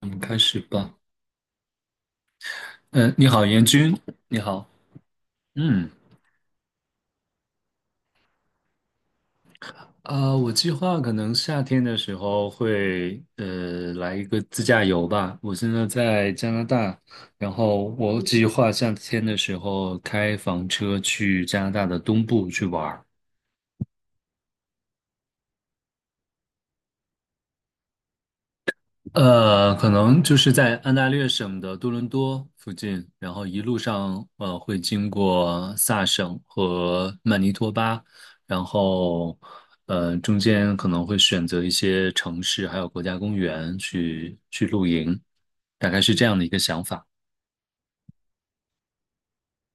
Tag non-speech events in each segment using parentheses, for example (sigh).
我们开始吧。嗯，你好，严军，你好。嗯，我计划可能夏天的时候会来一个自驾游吧。我现在在加拿大，然后我计划夏天的时候开房车去加拿大的东部去玩儿。可能就是在安大略省的多伦多附近，然后一路上会经过萨省和曼尼托巴，然后中间可能会选择一些城市还有国家公园去露营，大概是这样的一个想法。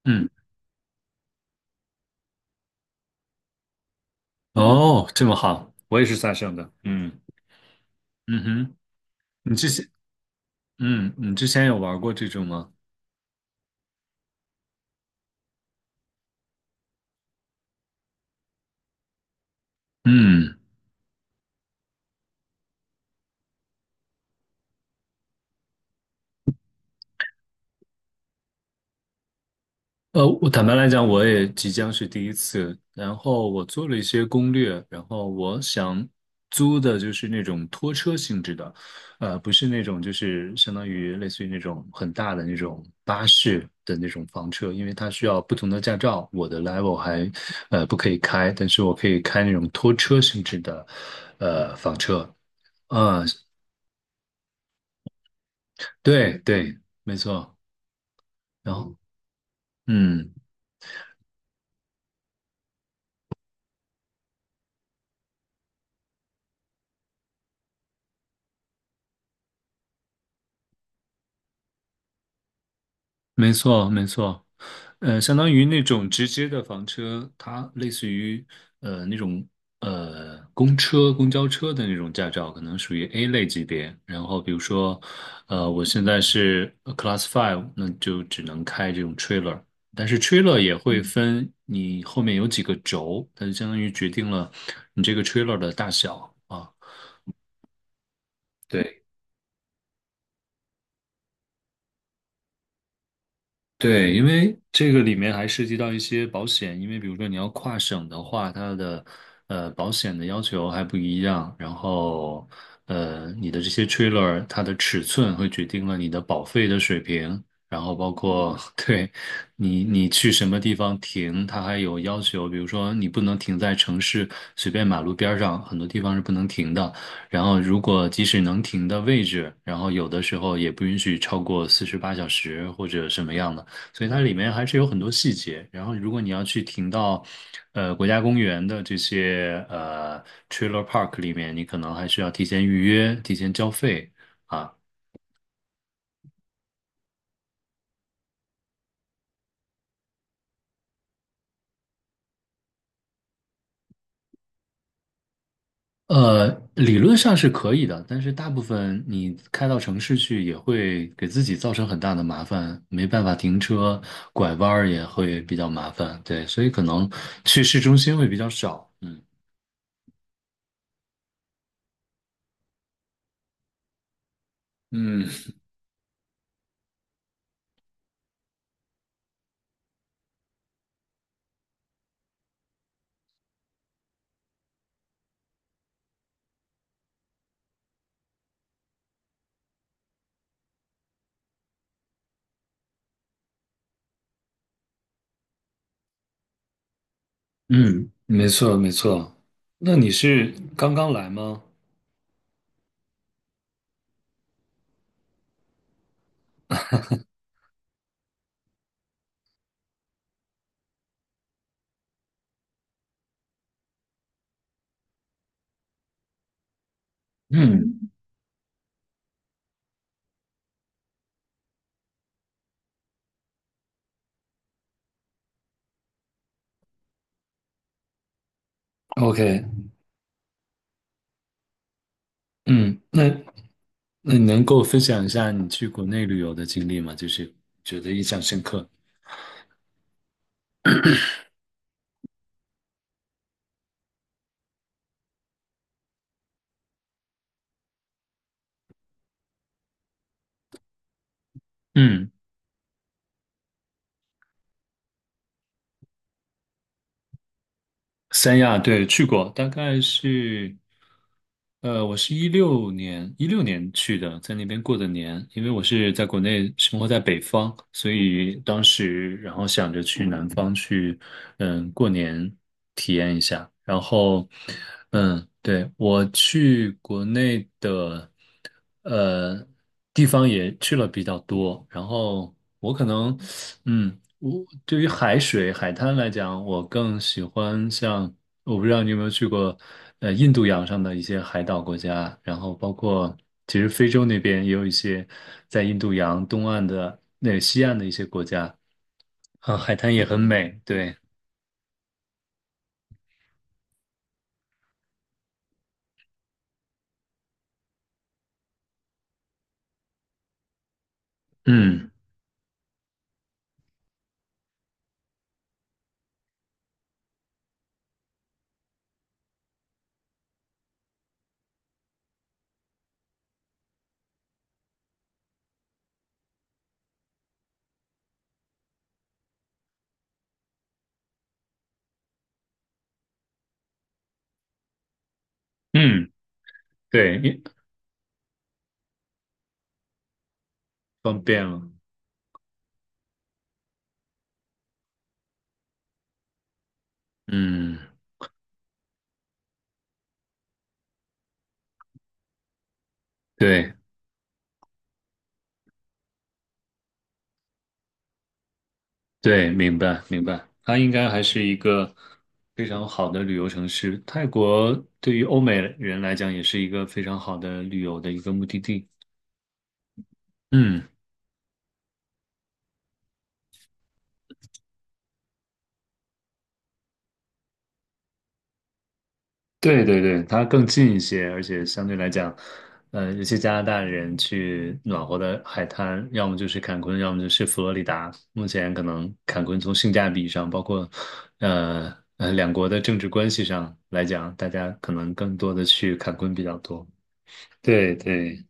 嗯，哦，这么好，我也是萨省的。嗯嗯哼，你之前你之前有玩过这种吗？嗯。我坦白来讲，我也即将是第一次。然后我做了一些攻略，然后我想租的就是那种拖车性质的，不是那种就是相当于类似于那种很大的那种巴士的那种房车，因为它需要不同的驾照，我的 level 还不可以开，但是我可以开那种拖车性质的房车。啊，对对，没错。然后嗯。没错，没错，相当于那种直接的房车，它类似于那种公车、公交车的那种驾照，可能属于 A 类级别。然后比如说，我现在是Class Five,那就只能开这种 trailer。但是 trailer 也会分你后面有几个轴，它就相当于决定了你这个 trailer 的大小啊。对。对，因为这个里面还涉及到一些保险，因为比如说你要跨省的话，它的保险的要求还不一样，然后你的这些 trailer 它的尺寸会决定了你的保费的水平，然后包括 (laughs) 对你去什么地方停，它还有要求，比如说你不能停在城市随便马路边儿上，很多地方是不能停的。然后，如果即使能停的位置，然后有的时候也不允许超过48小时或者什么样的。所以它里面还是有很多细节。然后，如果你要去停到，国家公园的这些trailer park 里面，你可能还需要提前预约、提前交费啊。呃，理论上是可以的，但是大部分你开到城市去也会给自己造成很大的麻烦，没办法停车，拐弯儿也会比较麻烦。对，所以可能去市中心会比较少。嗯嗯嗯，没错没错。那你是刚刚来吗？嗯。OK,嗯，那那你能够分享一下你去国内旅游的经历吗？就是觉得印象深刻。嗯。三亚对去过，大概是我是一六年去的，在那边过的年，因为我是在国内生活在北方，所以当时然后想着去南方去，过年体验一下。然后，嗯，对，我去国内的呃地方也去了比较多，然后我可能嗯。我对于海水、海滩来讲，我更喜欢像，我不知道你有没有去过，印度洋上的一些海岛国家，然后包括其实非洲那边也有一些在印度洋东岸的那个西岸的一些国家，啊，海滩也很美，对，嗯嗯，对，因方便了，嗯，对。对，明白明白，它应该还是一个非常好的旅游城市。泰国对于欧美人来讲，也是一个非常好的旅游的一个目的地。嗯，对对对，它更近一些，而且相对来讲，尤其加拿大人去暖和的海滩，要么就是坎昆，要么就是佛罗里达。目前可能坎昆从性价比上，包括两国的政治关系上来讲，大家可能更多的去坎昆比较多。对对。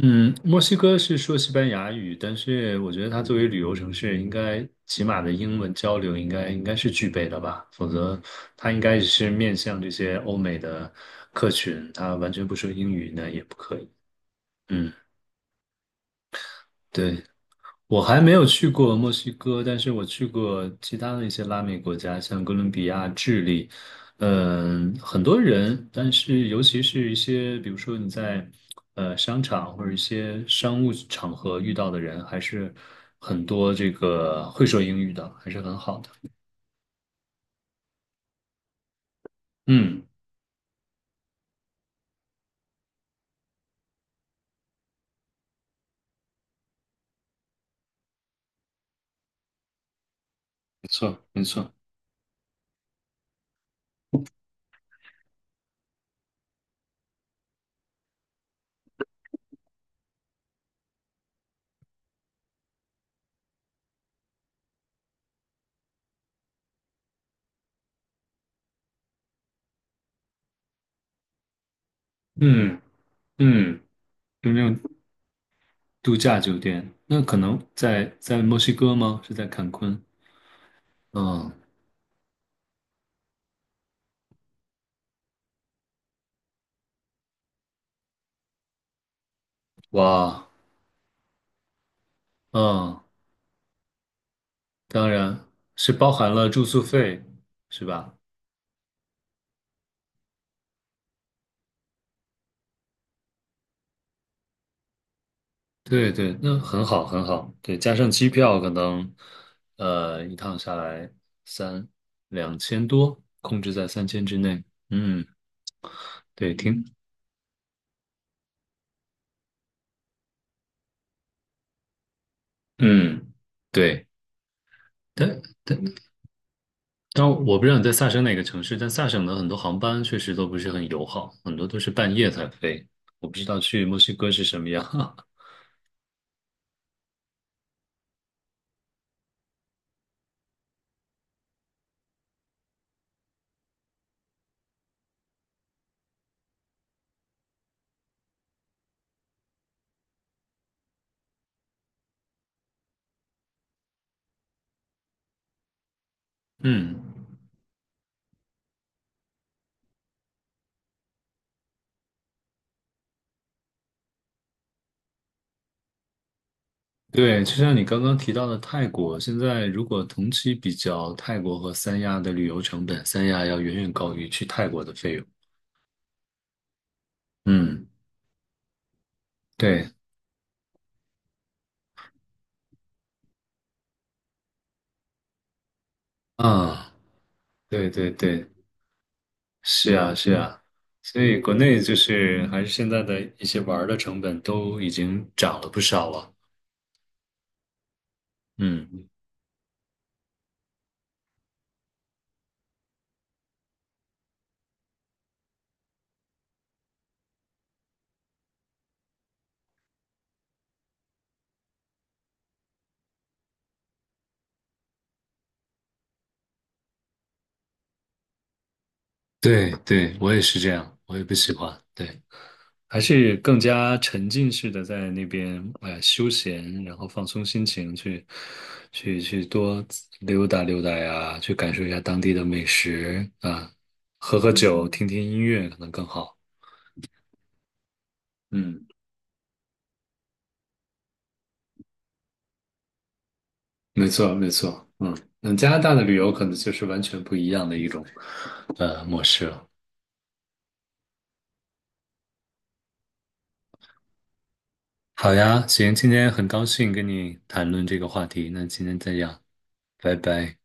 嗯，墨西哥是说西班牙语，但是我觉得它作为旅游城市，应该起码的英文交流应该是具备的吧，否则它应该是面向这些欧美的客群，它完全不说英语那也不可以。嗯，对。我还没有去过墨西哥，但是我去过其他的一些拉美国家，像哥伦比亚、智利，很多人，但是尤其是一些，比如说你在商场或者一些商务场合遇到的人，还是很多这个会说英语的，还是很好的。嗯，没错，没错。嗯嗯，就那种度假酒店，那可能在墨西哥吗？是在坎昆？嗯，哇，嗯。当然是包含了住宿费，是吧？对对，那很好很好。对，加上机票，可能一趟下来三两千多，控制在3000之内。嗯，对，听。嗯对，但但但我不知道你在萨省哪个城市，但萨省的很多航班确实都不是很友好，很多都是半夜才飞。我不知道去墨西哥是什么样。(laughs) 嗯对，就像你刚刚提到的泰国，现在如果同期比较，泰国和三亚的旅游成本，三亚要远远高于去泰国的费用。嗯，对，啊，对对对，是啊是啊，所以国内就是还是现在的一些玩儿的成本都已经涨了不少了。嗯，对对，我也是这样，我也不喜欢。对。还是更加沉浸式的在那边，哎，休闲，然后放松心情，去多溜达溜达呀，去感受一下当地的美食啊，喝喝酒，听听音乐可能更好。嗯，没错，没错。嗯，那加拿大的旅游可能就是完全不一样的一种模式了。好呀，行，今天很高兴跟你谈论这个话题，那今天这样，拜拜。